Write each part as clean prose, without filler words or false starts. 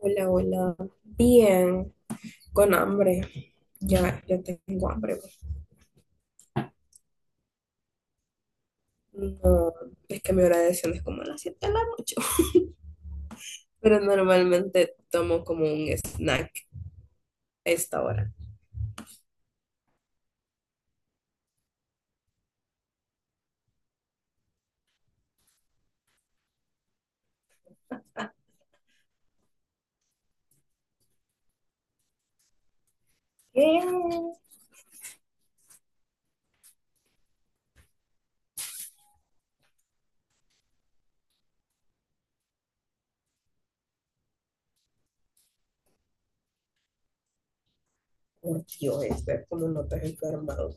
Hola, hola. Bien, con hambre. Ya, ya tengo hambre. No, es que mi hora de cena es como a las 7 de la noche. Pero normalmente tomo como un snack a esta hora. ¿Qué? Por Dios, como no te has enfermado.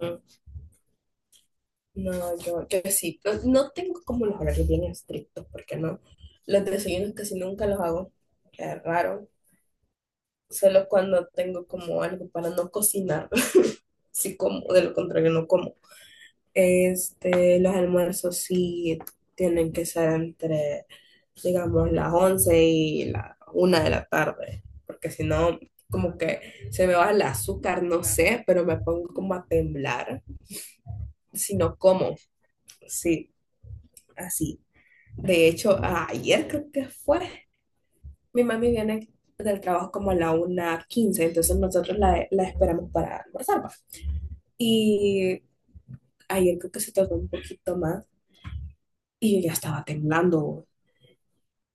Ujú. No, yo sí. No, no tengo como los horarios bien estrictos, porque no. Los desayunos casi nunca los hago. Es raro. Solo cuando tengo como algo para no cocinar. Sí como, de lo contrario no como. Los almuerzos sí tienen que ser entre, digamos, las 11 y la una de la tarde, porque si no, como que se me va el azúcar, no sé, pero me pongo como a temblar, si no como, sí, así. De hecho, ayer creo que fue, mi mami viene del trabajo como a la 1:15, entonces nosotros la esperamos para almorzar, va. Y ayer creo que se tardó un poquito más y yo ya estaba temblando.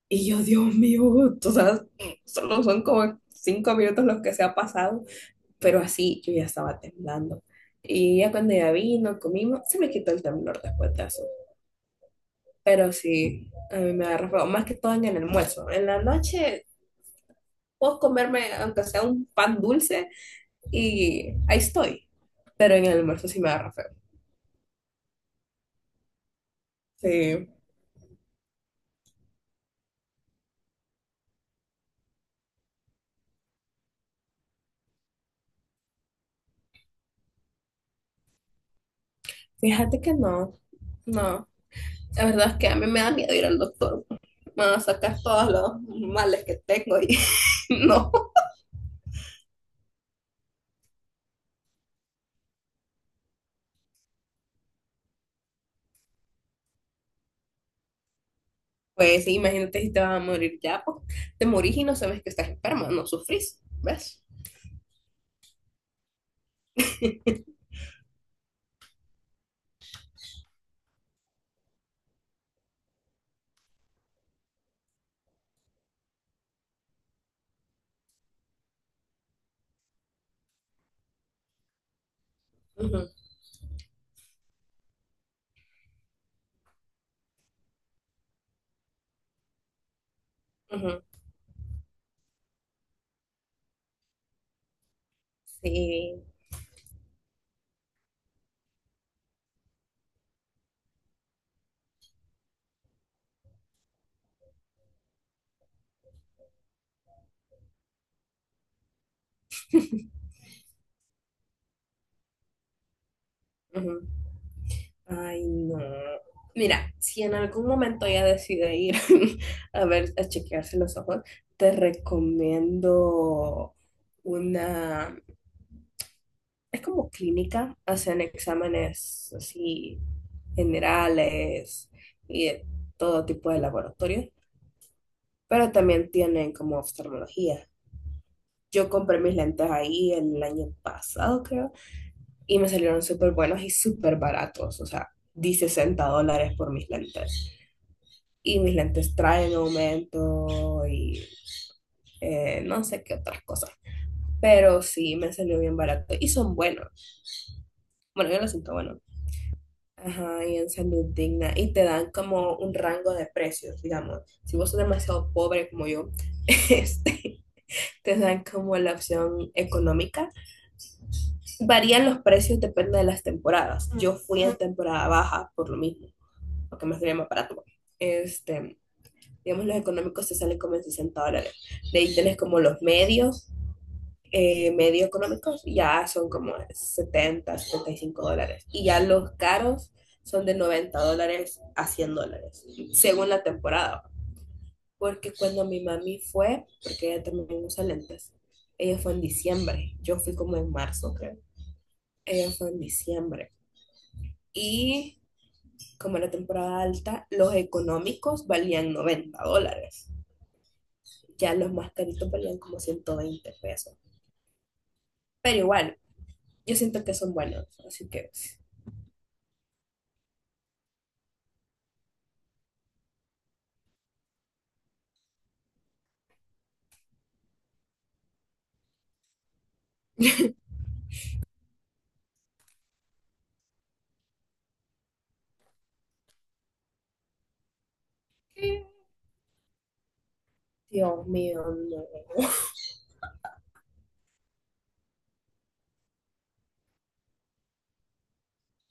Y yo, Dios mío, o sea, solo son como 5 minutos los que se ha pasado, pero así yo ya estaba temblando. Y ya cuando ya vino, comimos, se me quitó el temblor después de eso. Pero sí, a mí me agarra feo, más que todo en el almuerzo. En la noche puedo comerme, aunque sea un pan dulce, y ahí estoy. Pero en el almuerzo sí me agarra feo. Sí, fíjate que no, no. La verdad es que a mí me da miedo ir al doctor. Me van a sacar todos los males que tengo y no. Pues sí, imagínate si te vas a morir ya, pues te morís y no sabes que estás enferma, no sufrís, ¿ves? Ujú, ujú, sí. Ujú. Ay, no. Mira, si en algún momento ya decide ir a ver, a chequearse los ojos, te recomiendo una, es como clínica, hacen exámenes así generales y de todo tipo de laboratorios, pero también tienen como oftalmología. Yo compré mis lentes ahí el año pasado, creo, y me salieron súper buenos y súper baratos. O sea, di 60 dólares por mis lentes. Y mis lentes traen aumento y no sé qué otras cosas. Pero sí, me salió bien barato y son buenos. Bueno, yo lo siento bueno. Ajá, y en Salud Digna. Y te dan como un rango de precios, digamos. Si vos sos demasiado pobre como yo, este, te dan como la opción económica. Varían los precios, depende de las temporadas. Yo fui en temporada baja por lo mismo, porque me salía más barato. Este, digamos, los económicos te salen como en 60 dólares. De ahí tenés como los medios, medio económicos, ya son como 70, 75 dólares. Y ya los caros son de 90 dólares a 100 dólares, según la temporada, porque cuando mi mami fue, porque ella también usa lentes, ella fue en diciembre, yo fui como en marzo, creo, ella fue en diciembre. Y como era temporada alta, los económicos valían 90 dólares, ya los más caritos valían como 120 pesos. Pero igual, yo siento que son buenos, así que... Dios mío, no.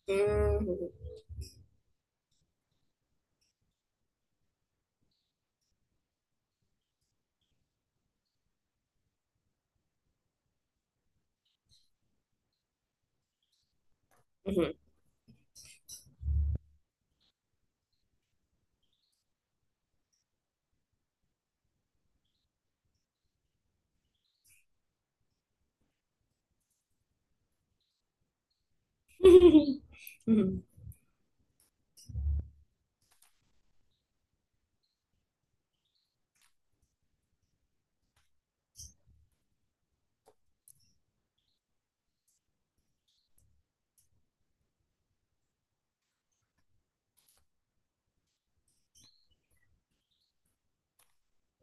Ujú. Ujú. Ujú,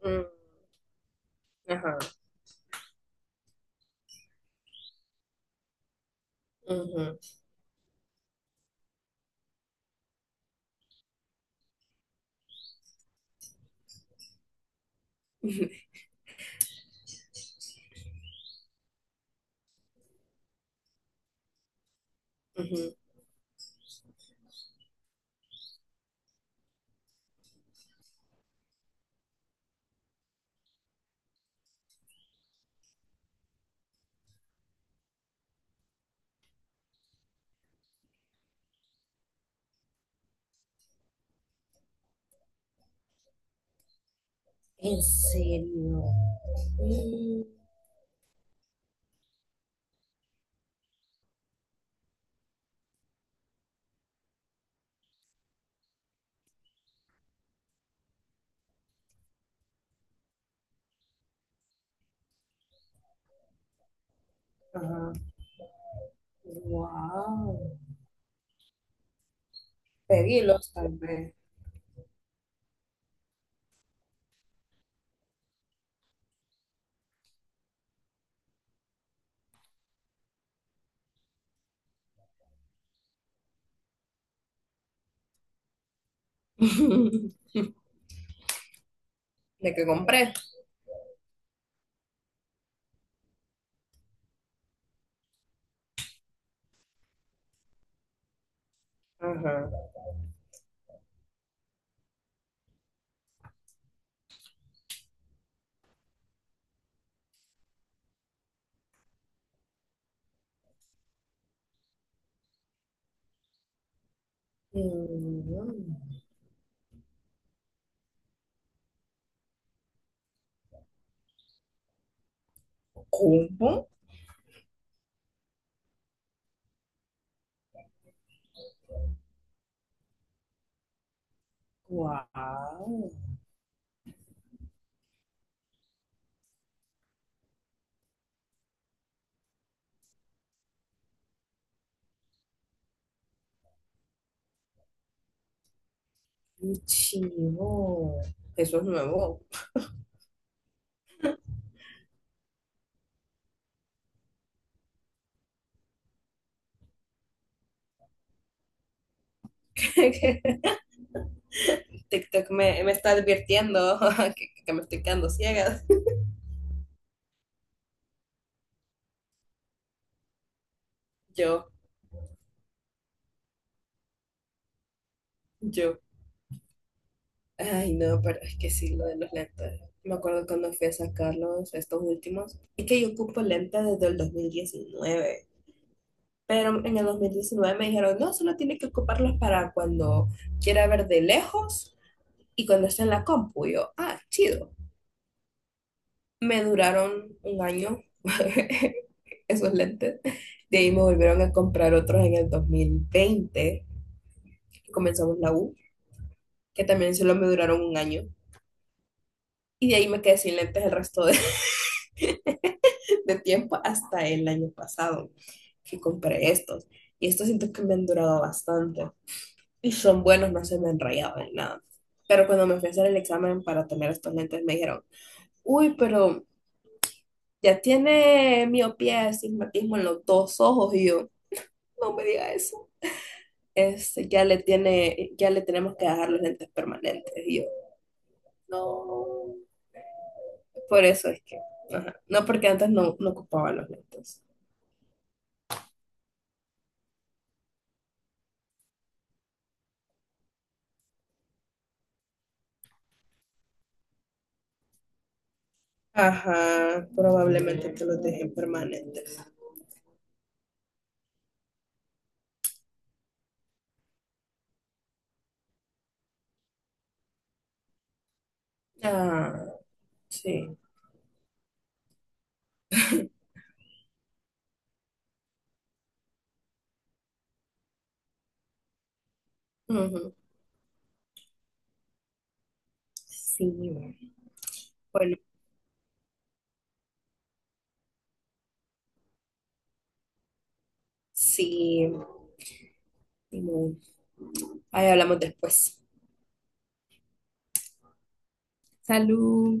ujú, ajá. Ujú, ujú, ujú. En serio. Mm. Ajá. Wow. Pedirlos, tal vez. De que compré. Ajá. Mm. ¿Cómo? Wow. Qué chivo. Eso es nuevo. TikTok me está advirtiendo que me estoy quedando ciega. Yo, yo. Ay, no, pero es que sí, lo de los lentes. Me acuerdo cuando fui a sacarlos, estos últimos. Es que yo ocupo lentes desde el 2019. Pero en el 2019 me dijeron, no, solo tiene que ocuparlos para cuando quiera ver de lejos y cuando esté en la compu. Y yo, ah, chido. Me duraron un año esos lentes. De ahí me volvieron a comprar otros en el 2020, que comenzamos la U, que también solo me duraron un año. Y de ahí me quedé sin lentes el resto de, de tiempo hasta el año pasado, que compré estos. Y estos siento que me han durado bastante, y son buenos, no se me enrayaban ni nada. Pero cuando me fui a hacer el examen para tener estos lentes, me dijeron, uy, pero ya tiene miopía, astigmatismo en los dos ojos. Y yo, no me diga eso. Es, ya le tiene, ya le tenemos que dejar los lentes permanentes. Y yo, no. Por eso es que, ajá. No porque antes no, no ocupaba los lentes. Ajá, probablemente te los dejen permanentes. Ah, sí. Ujú. Sí, bueno, sí. Simón. Ahí hablamos después. Salud.